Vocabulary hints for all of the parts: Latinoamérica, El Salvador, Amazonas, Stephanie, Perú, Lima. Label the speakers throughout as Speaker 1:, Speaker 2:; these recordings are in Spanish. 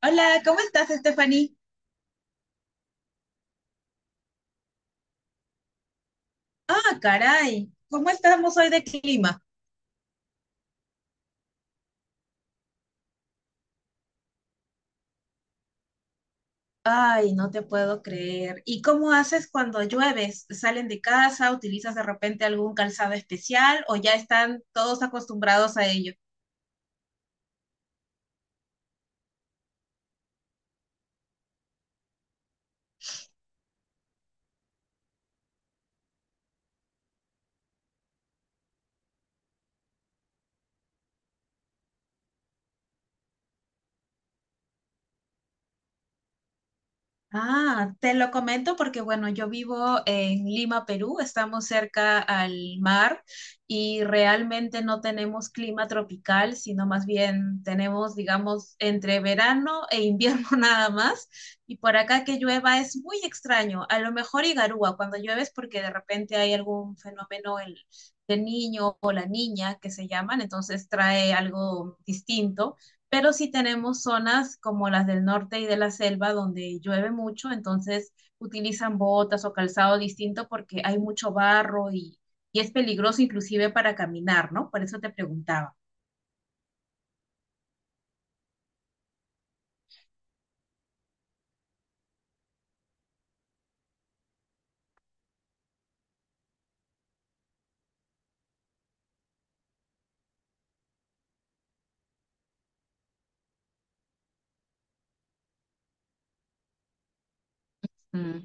Speaker 1: Hola, ¿cómo estás, Stephanie? Ah, caray, ¿cómo estamos hoy de clima? Ay, no te puedo creer. ¿Y cómo haces cuando llueves? ¿Salen de casa? ¿Utilizas de repente algún calzado especial o ya están todos acostumbrados a ello? Ah, te lo comento porque, bueno, yo vivo en Lima, Perú, estamos cerca al mar y realmente no tenemos clima tropical, sino más bien tenemos, digamos, entre verano e invierno nada más. Y por acá que llueva es muy extraño, a lo mejor Igarúa cuando llueves porque de repente hay algún fenómeno el, del niño o la niña que se llaman, entonces trae algo distinto, pero sí tenemos zonas como las del norte y de la selva donde llueve mucho, entonces utilizan botas o calzado distinto porque hay mucho barro y es peligroso inclusive para caminar, ¿no? Por eso te preguntaba. Mm.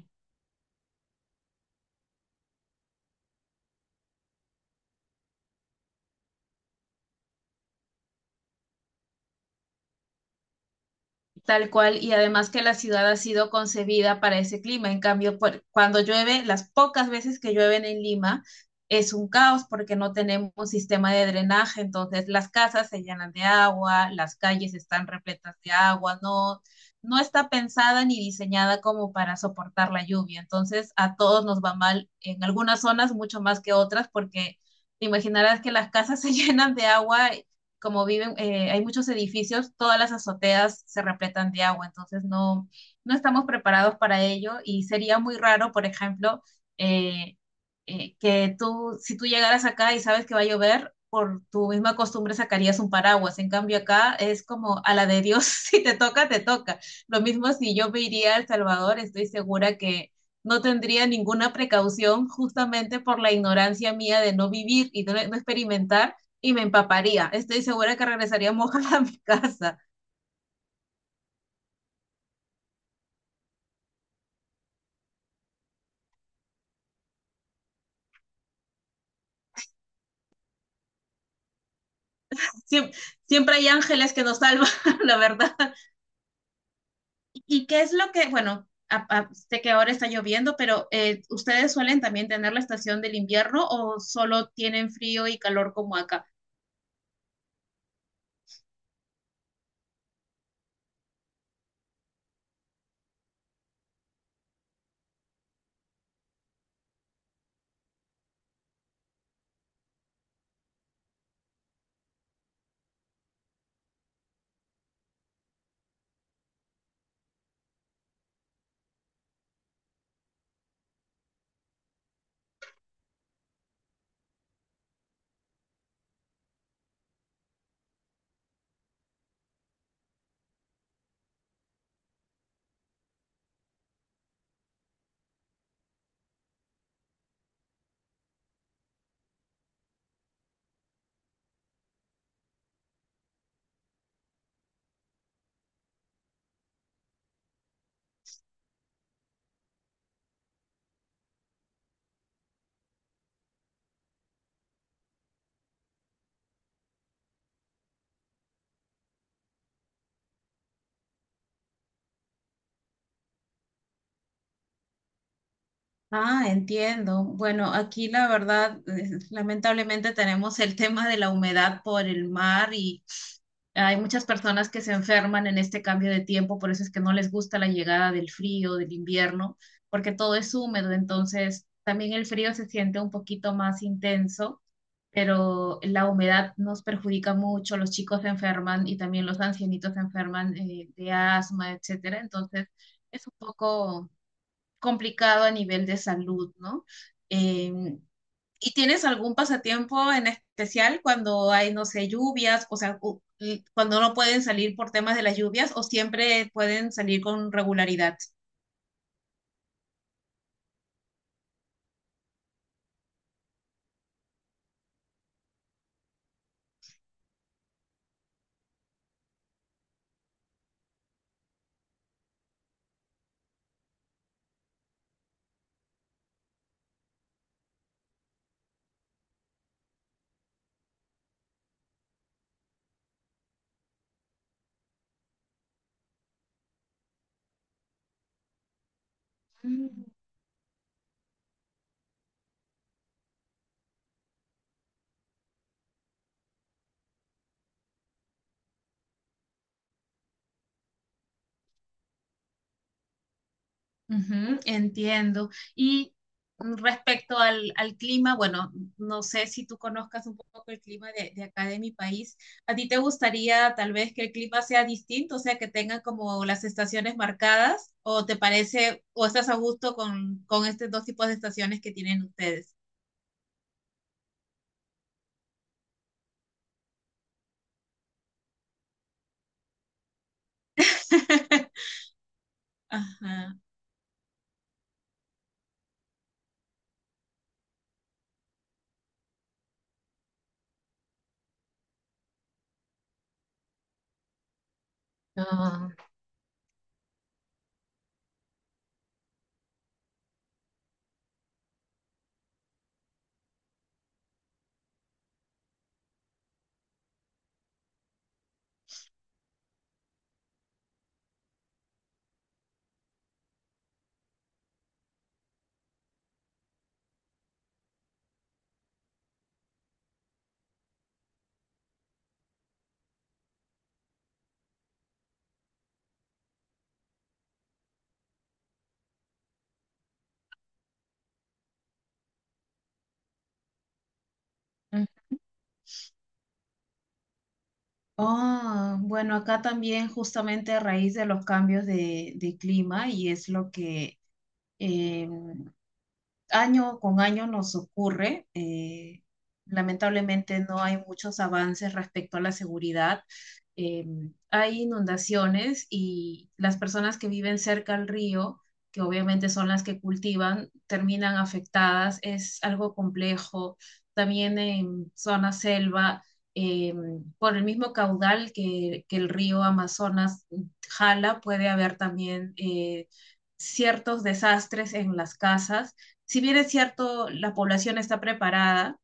Speaker 1: Tal cual, y además que la ciudad ha sido concebida para ese clima. En cambio, cuando llueve, las pocas veces que llueven en Lima, es un caos porque no tenemos sistema de drenaje, entonces las casas se llenan de agua, las calles están repletas de agua, no, no está pensada ni diseñada como para soportar la lluvia. Entonces, a todos nos va mal en algunas zonas mucho más que otras porque te imaginarás que las casas se llenan de agua como viven, hay muchos edificios, todas las azoteas se repletan de agua, entonces no, no estamos preparados para ello y sería muy raro, por ejemplo, eh, que tú, si tú llegaras acá y sabes que va a llover, por tu misma costumbre sacarías un paraguas. En cambio acá es como a la de Dios, si te toca, te toca. Lo mismo si yo me iría a El Salvador, estoy segura que no tendría ninguna precaución justamente por la ignorancia mía de no vivir y no, no experimentar y me empaparía. Estoy segura que regresaría mojada a mi casa. Siem- Siempre hay ángeles que nos salvan, la verdad. ¿Y qué es lo que, bueno, sé que ahora está lloviendo, pero ¿ustedes suelen también tener la estación del invierno o solo tienen frío y calor como acá? Ah, entiendo. Bueno, aquí la verdad, lamentablemente tenemos el tema de la humedad por el mar y hay muchas personas que se enferman en este cambio de tiempo, por eso es que no les gusta la llegada del frío, del invierno, porque todo es húmedo, entonces también el frío se siente un poquito más intenso, pero la humedad nos perjudica mucho, los chicos se enferman y también los ancianitos se enferman de asma, etcétera, entonces es un poco complicado a nivel de salud, ¿no? Eh, ¿Y tienes algún pasatiempo en especial cuando hay, no sé, lluvias, o sea, y cuando no pueden salir por temas de las lluvias o siempre pueden salir con regularidad? Ujú, entiendo. Y respecto al clima, bueno, no sé si tú conozcas un poco el clima de acá de mi país. ¿A ti te gustaría tal vez que el clima sea distinto, o sea, que tengan como las estaciones marcadas? ¿O te parece, o estás a gusto con estos dos tipos de estaciones que tienen ustedes? Ajá. Ah. Mm. Oh, bueno, acá también justamente a raíz de los cambios de clima y es lo que año con año nos ocurre. Lamentablemente no hay muchos avances respecto a la seguridad. Eh, Hay inundaciones y las personas que viven cerca al río, que obviamente son las que cultivan, terminan afectadas. Es algo complejo. También en zona selva, eh, por el mismo caudal que el río Amazonas jala, puede haber también... ciertos desastres en las casas. Si bien es cierto, la población está preparada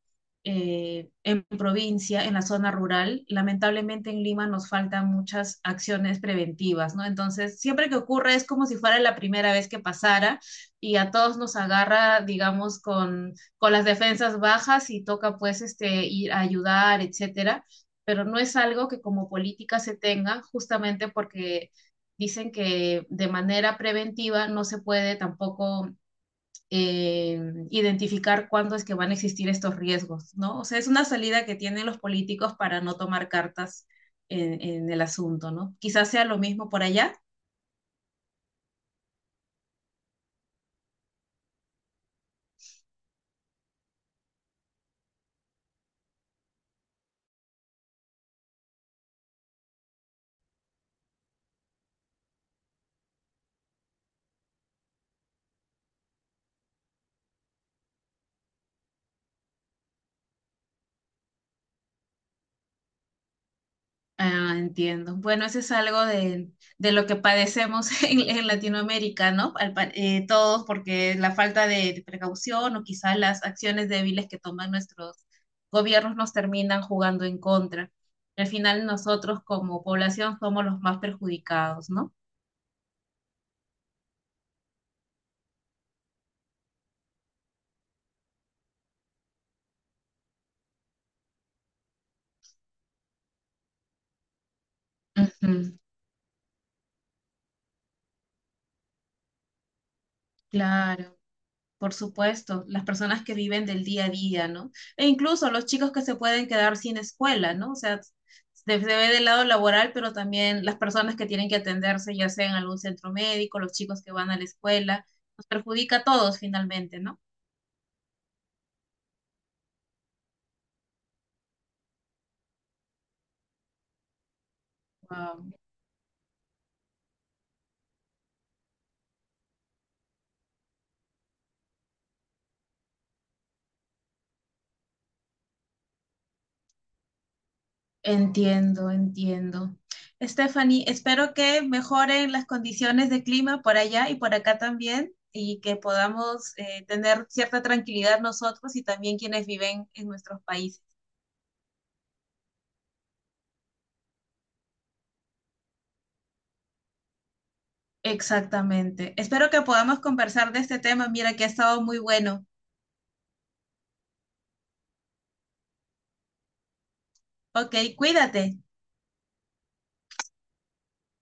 Speaker 1: en provincia, en la zona rural, lamentablemente en Lima nos faltan muchas acciones preventivas, ¿no? Entonces, siempre que ocurre es como si fuera la primera vez que pasara y a todos nos agarra, digamos, con las defensas bajas y toca pues este, ir a ayudar, etcétera, pero no es algo que como política se tenga justamente porque dicen que de manera preventiva no se puede tampoco eh, identificar cuándo es que van a existir estos riesgos, ¿no? O sea, es una salida que tienen los políticos para no tomar cartas en el asunto, ¿no? Quizás sea lo mismo por allá. Ah, entiendo. Bueno, eso es algo de lo que padecemos en Latinoamérica, ¿no? Todos, porque la falta de precaución o quizás las acciones débiles que toman nuestros gobiernos nos terminan jugando en contra. Al final nosotros como población somos los más perjudicados, ¿no? Ujú, claro. Por supuesto, las personas que viven del día a día, ¿no? E incluso los chicos que se pueden quedar sin escuela, ¿no? O sea, se ve del lado laboral, pero también las personas que tienen que atenderse, ya sea en algún centro médico, los chicos que van a la escuela, nos perjudica a todos finalmente, ¿no? Wow. Entiendo, entiendo. Stephanie, espero que mejoren las condiciones de clima por allá y por acá también y que podamos tener cierta tranquilidad nosotros y también quienes viven en nuestros países. Exactamente. Espero que podamos conversar de este tema. Mira que ha estado muy bueno. Ok, cuídate.